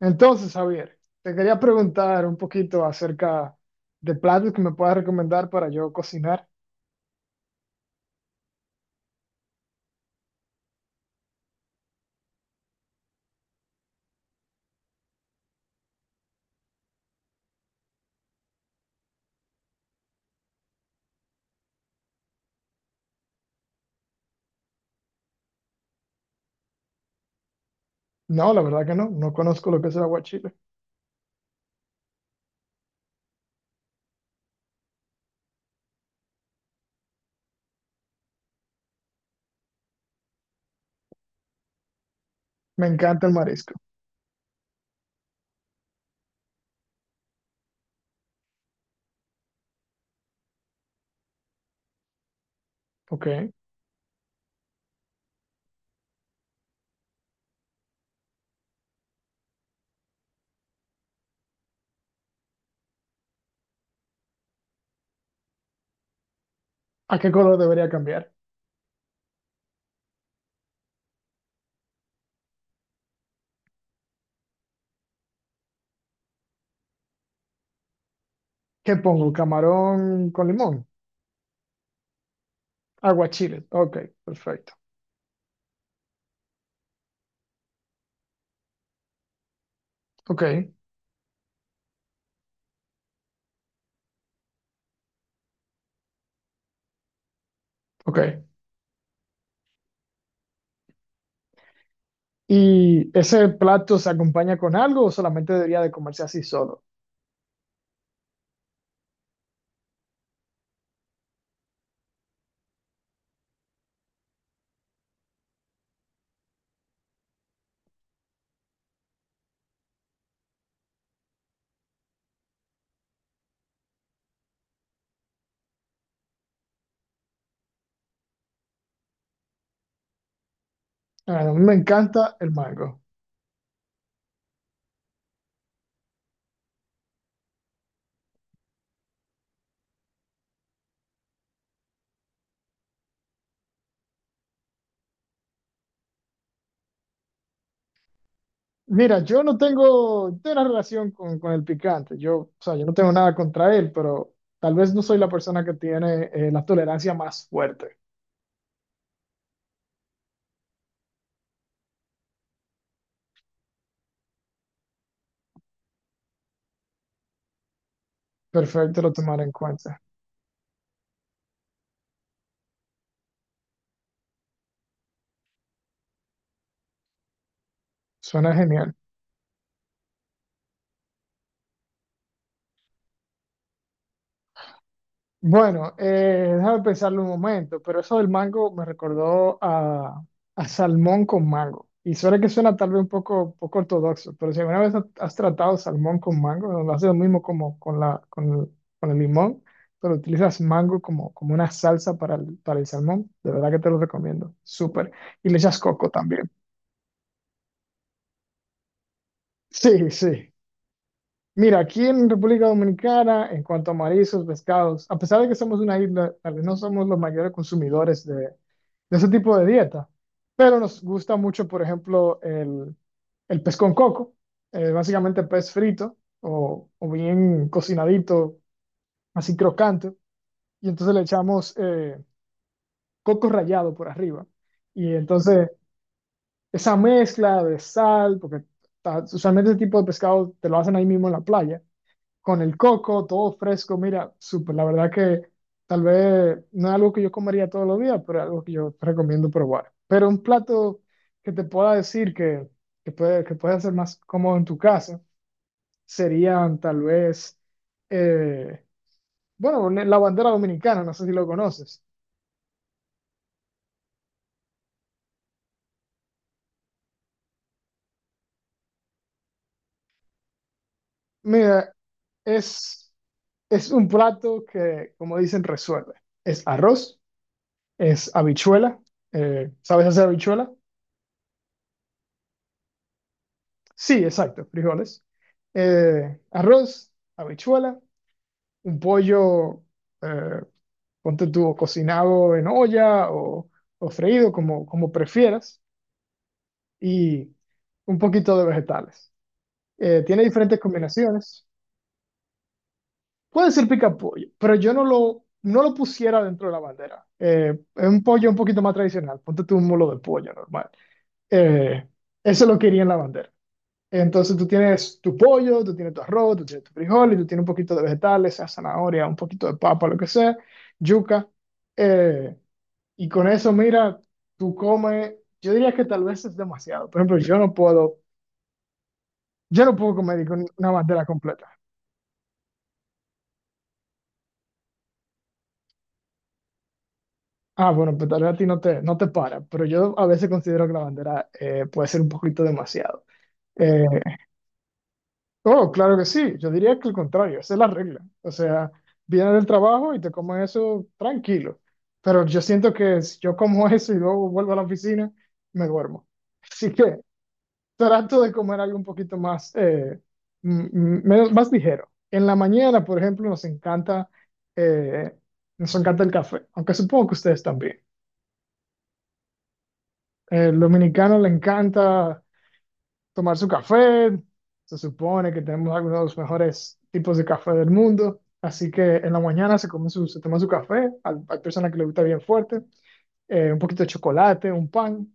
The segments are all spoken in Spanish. Entonces, Javier, te quería preguntar un poquito acerca de platos que me puedas recomendar para yo cocinar. No, la verdad que no, conozco lo que es el aguachile. Me encanta el marisco. Ok. ¿A qué color debería cambiar? ¿Qué pongo? ¿Camarón con limón? Aguachile. Ok, perfecto. Ok, ok. ¿Y ese plato se acompaña con algo o solamente debería de comerse así solo? Ah, a mí me encanta el mango. Mira, yo no tengo, no tengo una relación con, el picante. Yo, o sea, yo no tengo nada contra él, pero tal vez no soy la persona que tiene la tolerancia más fuerte. Perfecto, lo tomaré en cuenta. Suena genial. Bueno, déjame pensarlo un momento, pero eso del mango me recordó a salmón con mango. Y suena que suena tal vez un poco, poco ortodoxo, pero si alguna vez has tratado salmón con mango, lo haces lo mismo como con la, con el limón, pero utilizas mango como, como una salsa para el salmón, de verdad que te lo recomiendo, súper. Y le echas coco también. Sí, sí. Mira, aquí en República Dominicana, en cuanto a mariscos, pescados, a pesar de que somos una isla, tal vez no somos los mayores consumidores de ese tipo de dieta, pero nos gusta mucho, por ejemplo, el pez con coco, básicamente pez frito o bien cocinadito, así crocante, y entonces le echamos coco rallado por arriba. Y entonces esa mezcla de sal, porque usualmente ese tipo de pescado te lo hacen ahí mismo en la playa con el coco, todo fresco. Mira, súper, la verdad que tal vez no es algo que yo comería todos los días, pero es algo que yo recomiendo probar. Pero un plato que te pueda decir que puede ser más cómodo en tu casa serían tal vez, eh, bueno, la bandera dominicana, no sé si lo conoces. Mira, es, es un plato que, como dicen, resuelve. Es arroz, es habichuela. ¿Sabes hacer habichuela? Sí, exacto, frijoles. Arroz, habichuela, un pollo, eh, ponte tú, cocinado en olla o freído, como, como prefieras, y un poquito de vegetales. Tiene diferentes combinaciones. Puede ser pica pollo, pero yo no lo, no lo pusiera dentro de la bandera. Es un pollo un poquito más tradicional, ponte tú un mulo de pollo normal. Eh, eso lo quería en la bandera. Entonces tú tienes tu pollo, tú tienes tu arroz, tú tienes tu frijol y tú tienes un poquito de vegetales, sea zanahoria, un poquito de papa, lo que sea, yuca. Eh, y con eso, mira, tú comes, yo diría que tal vez es demasiado. Por ejemplo, yo no puedo comer con una bandera completa. Ah, bueno, pues tal vez a ti no te, no te para, pero yo a veces considero que la bandera puede ser un poquito demasiado. Eh, Oh, claro que sí. Yo diría que el contrario, esa es la regla. O sea, vienes del trabajo y te comes eso tranquilo. Pero yo siento que si yo como eso y luego vuelvo a la oficina, me duermo. Así que trato de comer algo un poquito más, menos, más ligero. En la mañana, por ejemplo, eh, nos encanta el café, aunque supongo que ustedes también. El dominicano le encanta tomar su café. Se supone que tenemos algunos de los mejores tipos de café del mundo. Así que en la mañana se, come su, se toma su café. Hay personas que le gusta bien fuerte. Un poquito de chocolate, un pan.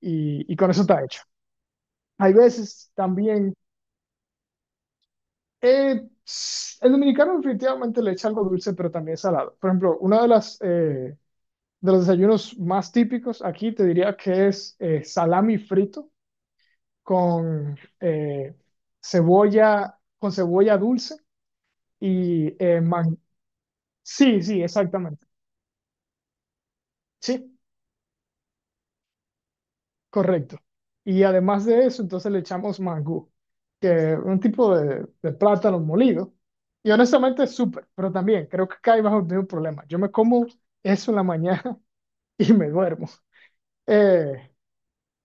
Y con eso está hecho. Hay veces también... eh, el dominicano definitivamente le echa algo dulce, pero también salado. Por ejemplo, uno de las... de los desayunos más típicos aquí te diría que es salami frito con cebolla, con cebolla dulce. Y sí, sí, exactamente. Sí, correcto. Y además de eso, entonces le echamos mangú, que es un tipo de plátano molido. Y honestamente es súper, pero también creo que cae bajo el mismo problema. Yo me como eso en la mañana y me duermo. Eh,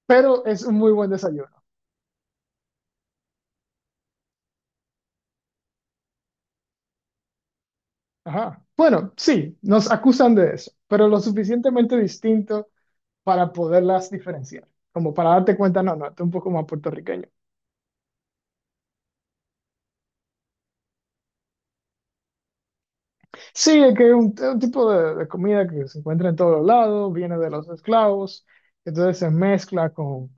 pero es un muy buen desayuno. Ajá. Bueno, sí, nos acusan de eso, pero lo suficientemente distinto para poderlas diferenciar, como para darte cuenta, no, no, esto es un poco más puertorriqueño. Sí, es que es un tipo de comida que se encuentra en todos lados, viene de los esclavos, entonces se mezcla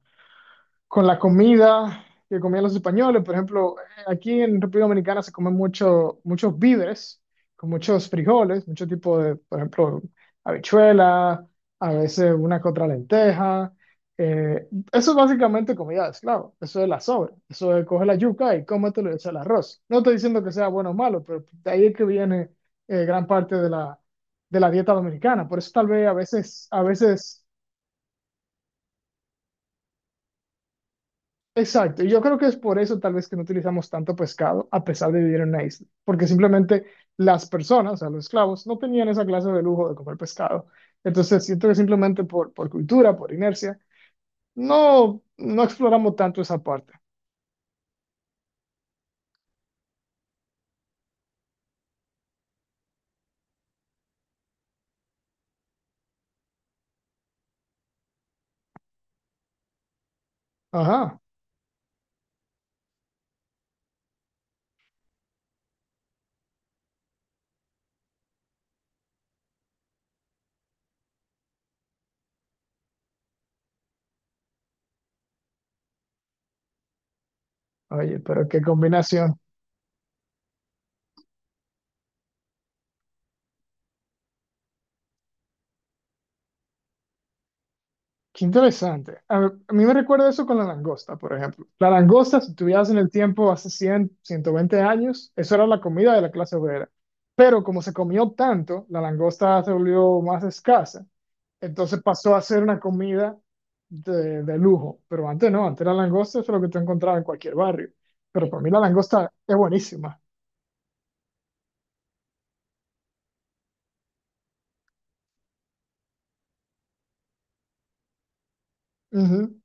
con la comida que comían los españoles. Por ejemplo, aquí en República Dominicana se comen mucho, muchos víveres, con muchos frijoles, mucho tipo de, por ejemplo, habichuela, a veces una que otra lenteja. Eh, eso es básicamente comida de esclavo, eso es la sobra, eso es coge la yuca y cómetelo y echa el arroz. No estoy diciendo que sea bueno o malo, pero de ahí es que viene gran parte de la dieta dominicana. Por eso tal vez a veces exacto, y yo creo que es por eso tal vez que no utilizamos tanto pescado a pesar de vivir en una isla, porque simplemente las personas, o sea, los esclavos, no tenían esa clase de lujo de comer pescado. Entonces siento que simplemente por cultura, por inercia, no, no exploramos tanto esa parte. Ajá, oye, pero qué combinación. Qué interesante. A mí me recuerda eso con la langosta, por ejemplo. La langosta, si tuvieras en el tiempo hace 100, 120 años, eso era la comida de la clase obrera. Pero como se comió tanto, la langosta se volvió más escasa. Entonces pasó a ser una comida de lujo. Pero antes no, antes la langosta es lo que tú encontrabas en cualquier barrio. Pero para mí la langosta es buenísima. Ujú,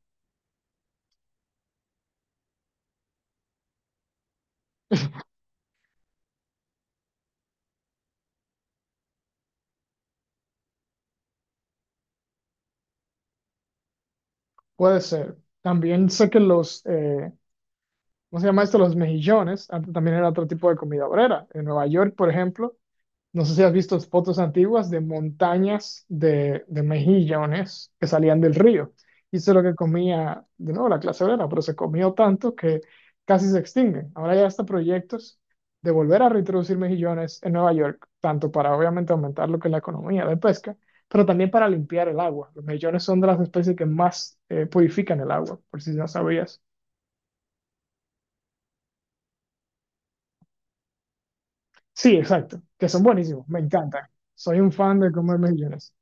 puede ser. También sé que los, ¿cómo se llama esto? Los mejillones. Antes también era otro tipo de comida obrera. En Nueva York, por ejemplo, no sé si has visto fotos antiguas de montañas de mejillones que salían del río. Y eso es lo que comía, de nuevo, la clase obrera, pero se comió tanto que casi se extinguen. Ahora ya hasta proyectos de volver a reintroducir mejillones en Nueva York, tanto para obviamente aumentar lo que es la economía de pesca, pero también para limpiar el agua. Los mejillones son de las especies que más purifican el agua, por si no sabías. Sí, exacto, que son buenísimos, me encantan. Soy un fan de comer mejillones.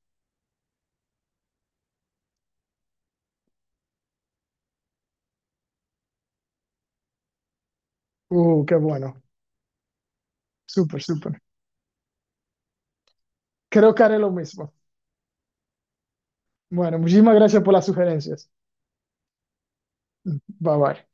Qué bueno, súper, súper. Creo que haré lo mismo. Bueno, muchísimas gracias por las sugerencias. Bye bye.